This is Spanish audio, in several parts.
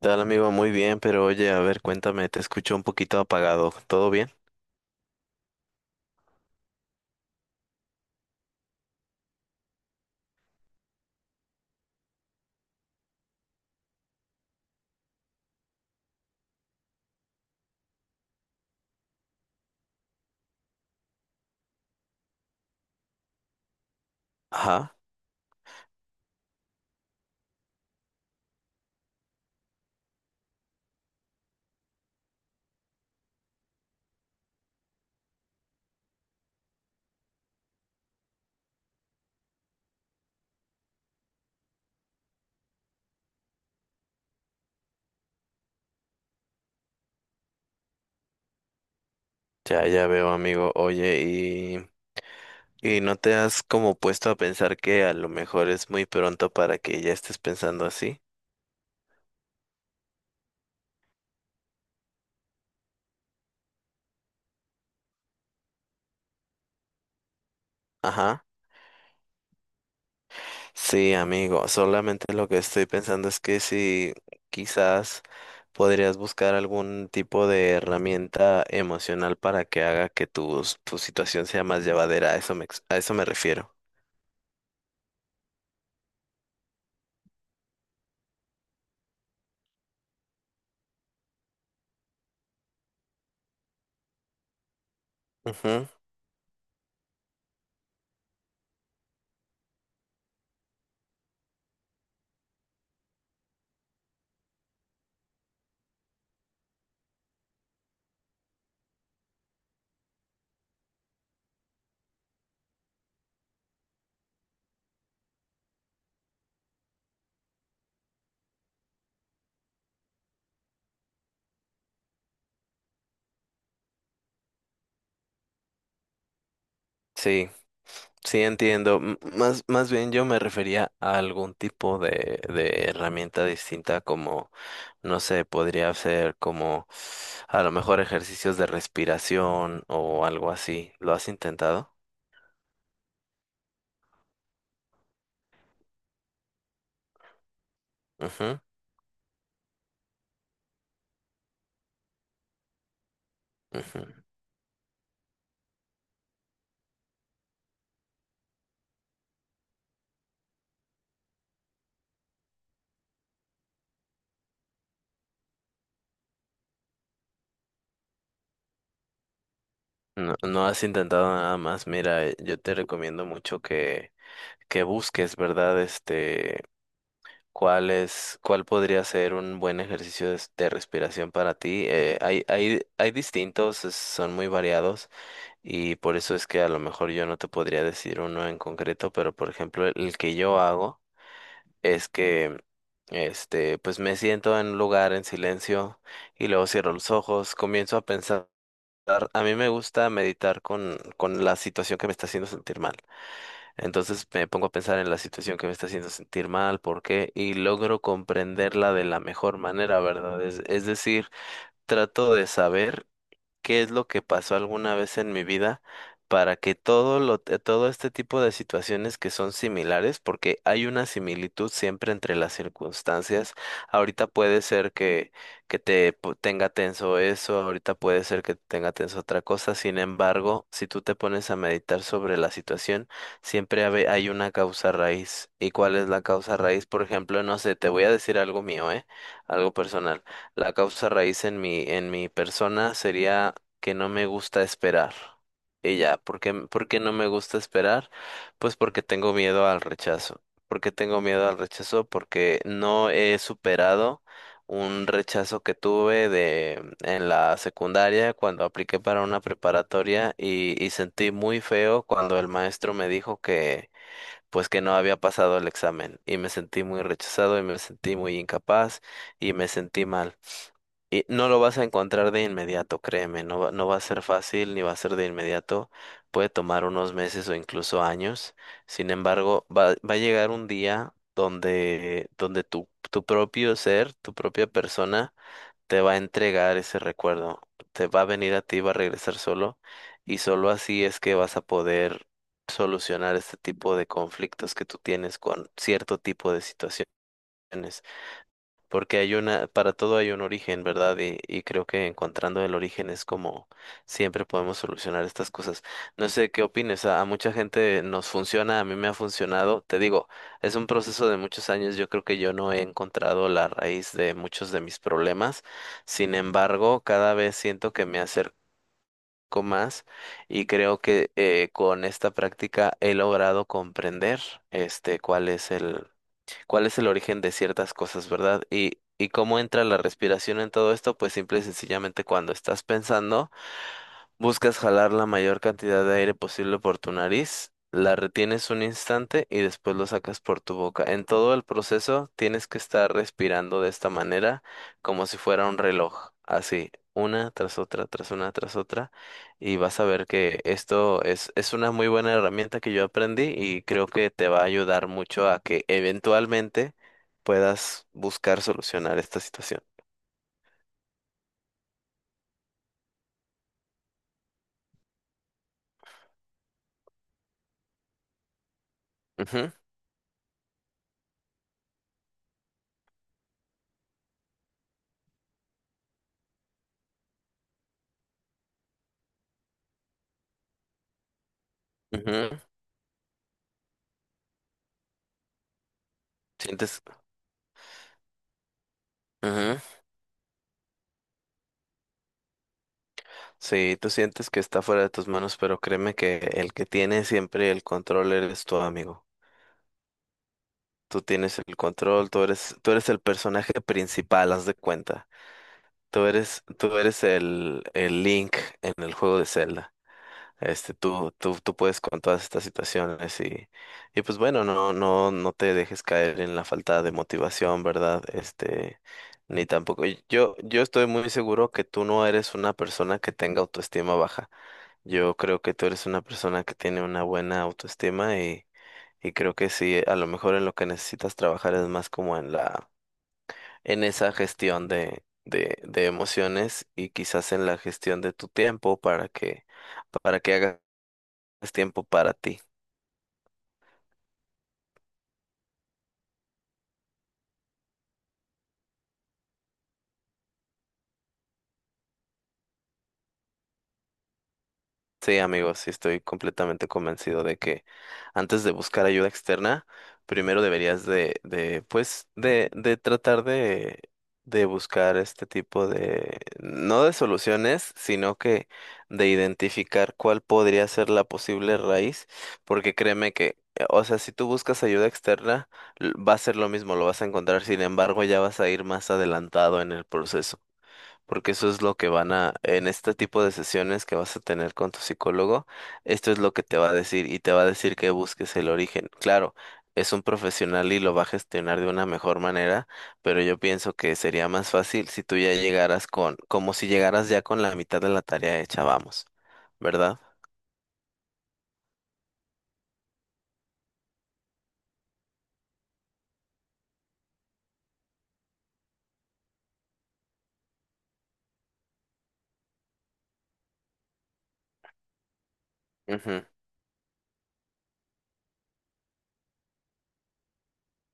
Tal amigo, muy bien, pero oye, a ver, cuéntame, te escucho un poquito apagado, ¿todo bien? Ajá, ya, ya veo amigo, oye, y no te has como puesto a pensar que a lo mejor es muy pronto para que ya estés pensando así. Ajá. Sí, amigo, solamente lo que estoy pensando es que si quizás podrías buscar algún tipo de herramienta emocional para que haga que tu situación sea más llevadera, a eso me refiero. Ujú. Sí, sí entiendo. Más bien yo me refería a algún tipo de herramienta distinta como, no sé, podría ser como a lo mejor ejercicios de respiración o algo así. ¿Lo has intentado? Ujú, ujú. No, no has intentado nada más. Mira, yo te recomiendo mucho que busques, ¿verdad? Este, cuál podría ser un buen ejercicio de respiración para ti. Hay distintos, son muy variados y por eso es que a lo mejor yo no te podría decir uno en concreto, pero por ejemplo, el que yo hago es que, este, pues me siento en un lugar en silencio y luego cierro los ojos, comienzo a pensar A mí me gusta meditar con la situación que me está haciendo sentir mal. Entonces me pongo a pensar en la situación que me está haciendo sentir mal, por qué, y logro comprenderla de la mejor manera, ¿verdad? Es decir, trato de saber qué es lo que pasó alguna vez en mi vida para que todo lo, todo este tipo de situaciones que son similares, porque hay una similitud siempre entre las circunstancias. Ahorita puede ser que, tenga tenso eso, ahorita puede ser que tenga tenso otra cosa. Sin embargo, si tú te pones a meditar sobre la situación, siempre hay una causa raíz. ¿Y cuál es la causa raíz? Por ejemplo, no sé, te voy a decir algo mío, ¿eh? Algo personal. La causa raíz en en mi persona sería que no me gusta esperar. Y ya, ¿ por qué no me gusta esperar? Pues porque tengo miedo al rechazo. ¿Por qué tengo miedo al rechazo? Porque no he superado un rechazo que tuve de en la secundaria cuando apliqué para una preparatoria y sentí muy feo cuando el maestro me dijo que pues que no había pasado el examen y me sentí muy rechazado y me sentí muy incapaz y me sentí mal. Y no lo vas a encontrar de inmediato, créeme, no va a ser fácil ni va a ser de inmediato, puede tomar unos meses o incluso años, sin embargo, va a llegar un día donde, donde tu propio ser, tu propia persona, te va a entregar ese recuerdo, te va a venir a ti, va a regresar solo, y solo así es que vas a poder solucionar este tipo de conflictos que tú tienes con cierto tipo de situaciones. Porque hay una, para todo hay un origen, ¿verdad? Y creo que encontrando el origen es como siempre podemos solucionar estas cosas. No sé qué opines, a mucha gente nos funciona, a mí me ha funcionado. Te digo, es un proceso de muchos años, yo creo que yo no he encontrado la raíz de muchos de mis problemas. Sin embargo, cada vez siento que me acerco más y creo que con esta práctica he logrado comprender este cuál es el origen de ciertas cosas, ¿verdad? Y cómo entra la respiración en todo esto, pues simple y sencillamente cuando estás pensando. Buscas jalar la mayor cantidad de aire posible por tu nariz, la retienes un instante y después lo sacas por tu boca. En todo el proceso tienes que estar respirando de esta manera, como si fuera un reloj, así, una tras otra, tras una, tras otra, y vas a ver que esto es una muy buena herramienta que yo aprendí y creo que te va a ayudar mucho a que eventualmente puedas buscar solucionar esta situación. Ujú, ujú. Sientes. Ujú. Sí, tú sientes que está fuera de tus manos, pero créeme que el que tiene siempre el control eres tu amigo. Tú tienes el control, tú eres el personaje principal, haz de cuenta. Tú eres el Link en el juego de Zelda. Este, tú puedes con todas estas situaciones y pues bueno, no te dejes caer en la falta de motivación, ¿verdad? Este, ni tampoco. Yo estoy muy seguro que tú no eres una persona que tenga autoestima baja. Yo creo que tú eres una persona que tiene una buena autoestima y creo que sí, a lo mejor en lo que necesitas trabajar es más como en en esa gestión de, de emociones y quizás en la gestión de tu tiempo para que hagas tiempo para ti. Sí, amigos, sí estoy completamente convencido de que antes de buscar ayuda externa, primero deberías de tratar de buscar este tipo de, no de soluciones, sino que de identificar cuál podría ser la posible raíz, porque créeme que, o sea, si tú buscas ayuda externa, va a ser lo mismo, lo vas a encontrar, sin embargo, ya vas a ir más adelantado en el proceso. Porque eso es lo que van a, en este tipo de sesiones que vas a tener con tu psicólogo, esto es lo que te va a decir y te va a decir que busques el origen. Claro, es un profesional y lo va a gestionar de una mejor manera, pero yo pienso que sería más fácil si tú ya llegaras con, como si llegaras ya con la mitad de la tarea hecha, vamos, ¿verdad? Ujú.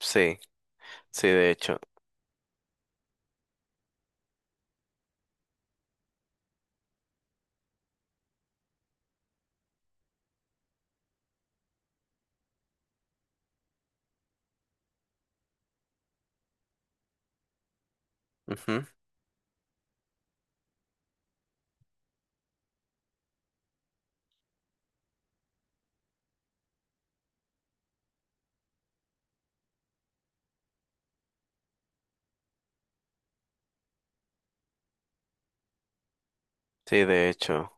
Sí, sí, de hecho. Ujú. Sí, de hecho.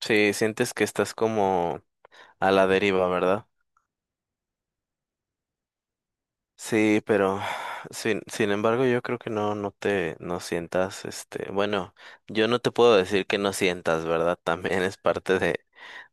Sí, sientes que estás como a la deriva, ¿verdad? Sí, pero sin embargo yo creo que no, no sientas, este, bueno, yo no te puedo decir que no sientas, ¿verdad? También es parte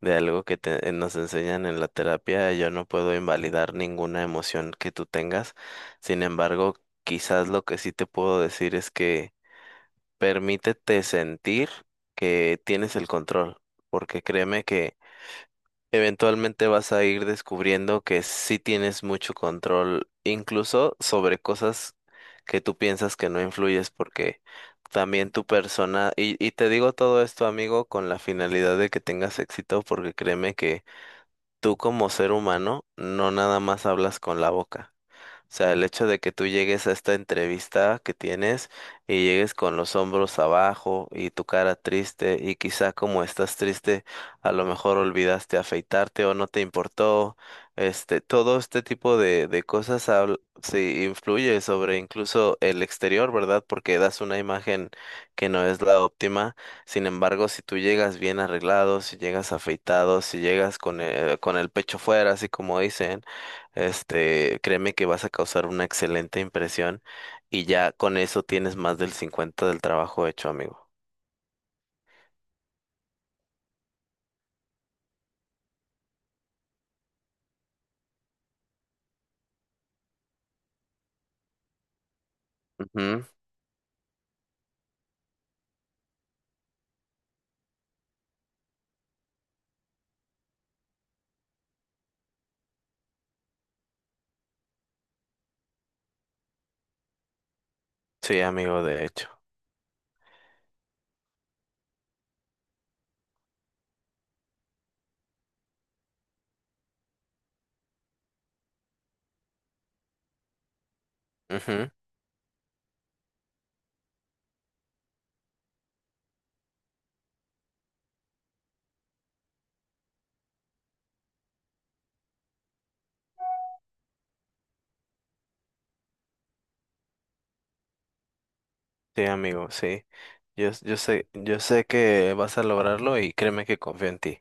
de algo que te, nos enseñan en la terapia, yo no puedo invalidar ninguna emoción que tú tengas, sin embargo, quizás lo que sí te puedo decir es que permítete sentir que tienes el control, porque créeme que eventualmente vas a ir descubriendo que sí tienes mucho control, incluso sobre cosas que tú piensas que no influyes, porque también tu persona, y te digo todo esto, amigo, con la finalidad de que tengas éxito, porque créeme que tú como ser humano no nada más hablas con la boca sea, el hecho de que tú llegues a esta entrevista que tienes y llegues con los hombros abajo y tu cara triste y quizá como estás triste, a lo mejor olvidaste afeitarte o no te importó, este, todo este tipo de sí, influye sobre incluso el exterior, ¿verdad? Porque das una imagen que no es la óptima. Sin embargo, si tú llegas bien arreglado, si llegas afeitado, si llegas con el pecho fuera, así como dicen, este, créeme que vas a causar una excelente impresión y ya con eso tienes más del 50 del trabajo hecho, amigo. Ujú. Sí, amigo, de hecho. Ujú. Sí, amigo, sí. Yo, yo sé que vas a lograrlo y créeme que confío en ti.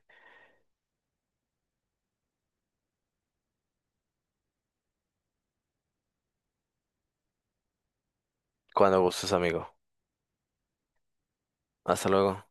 Cuando gustes, amigo. Hasta luego.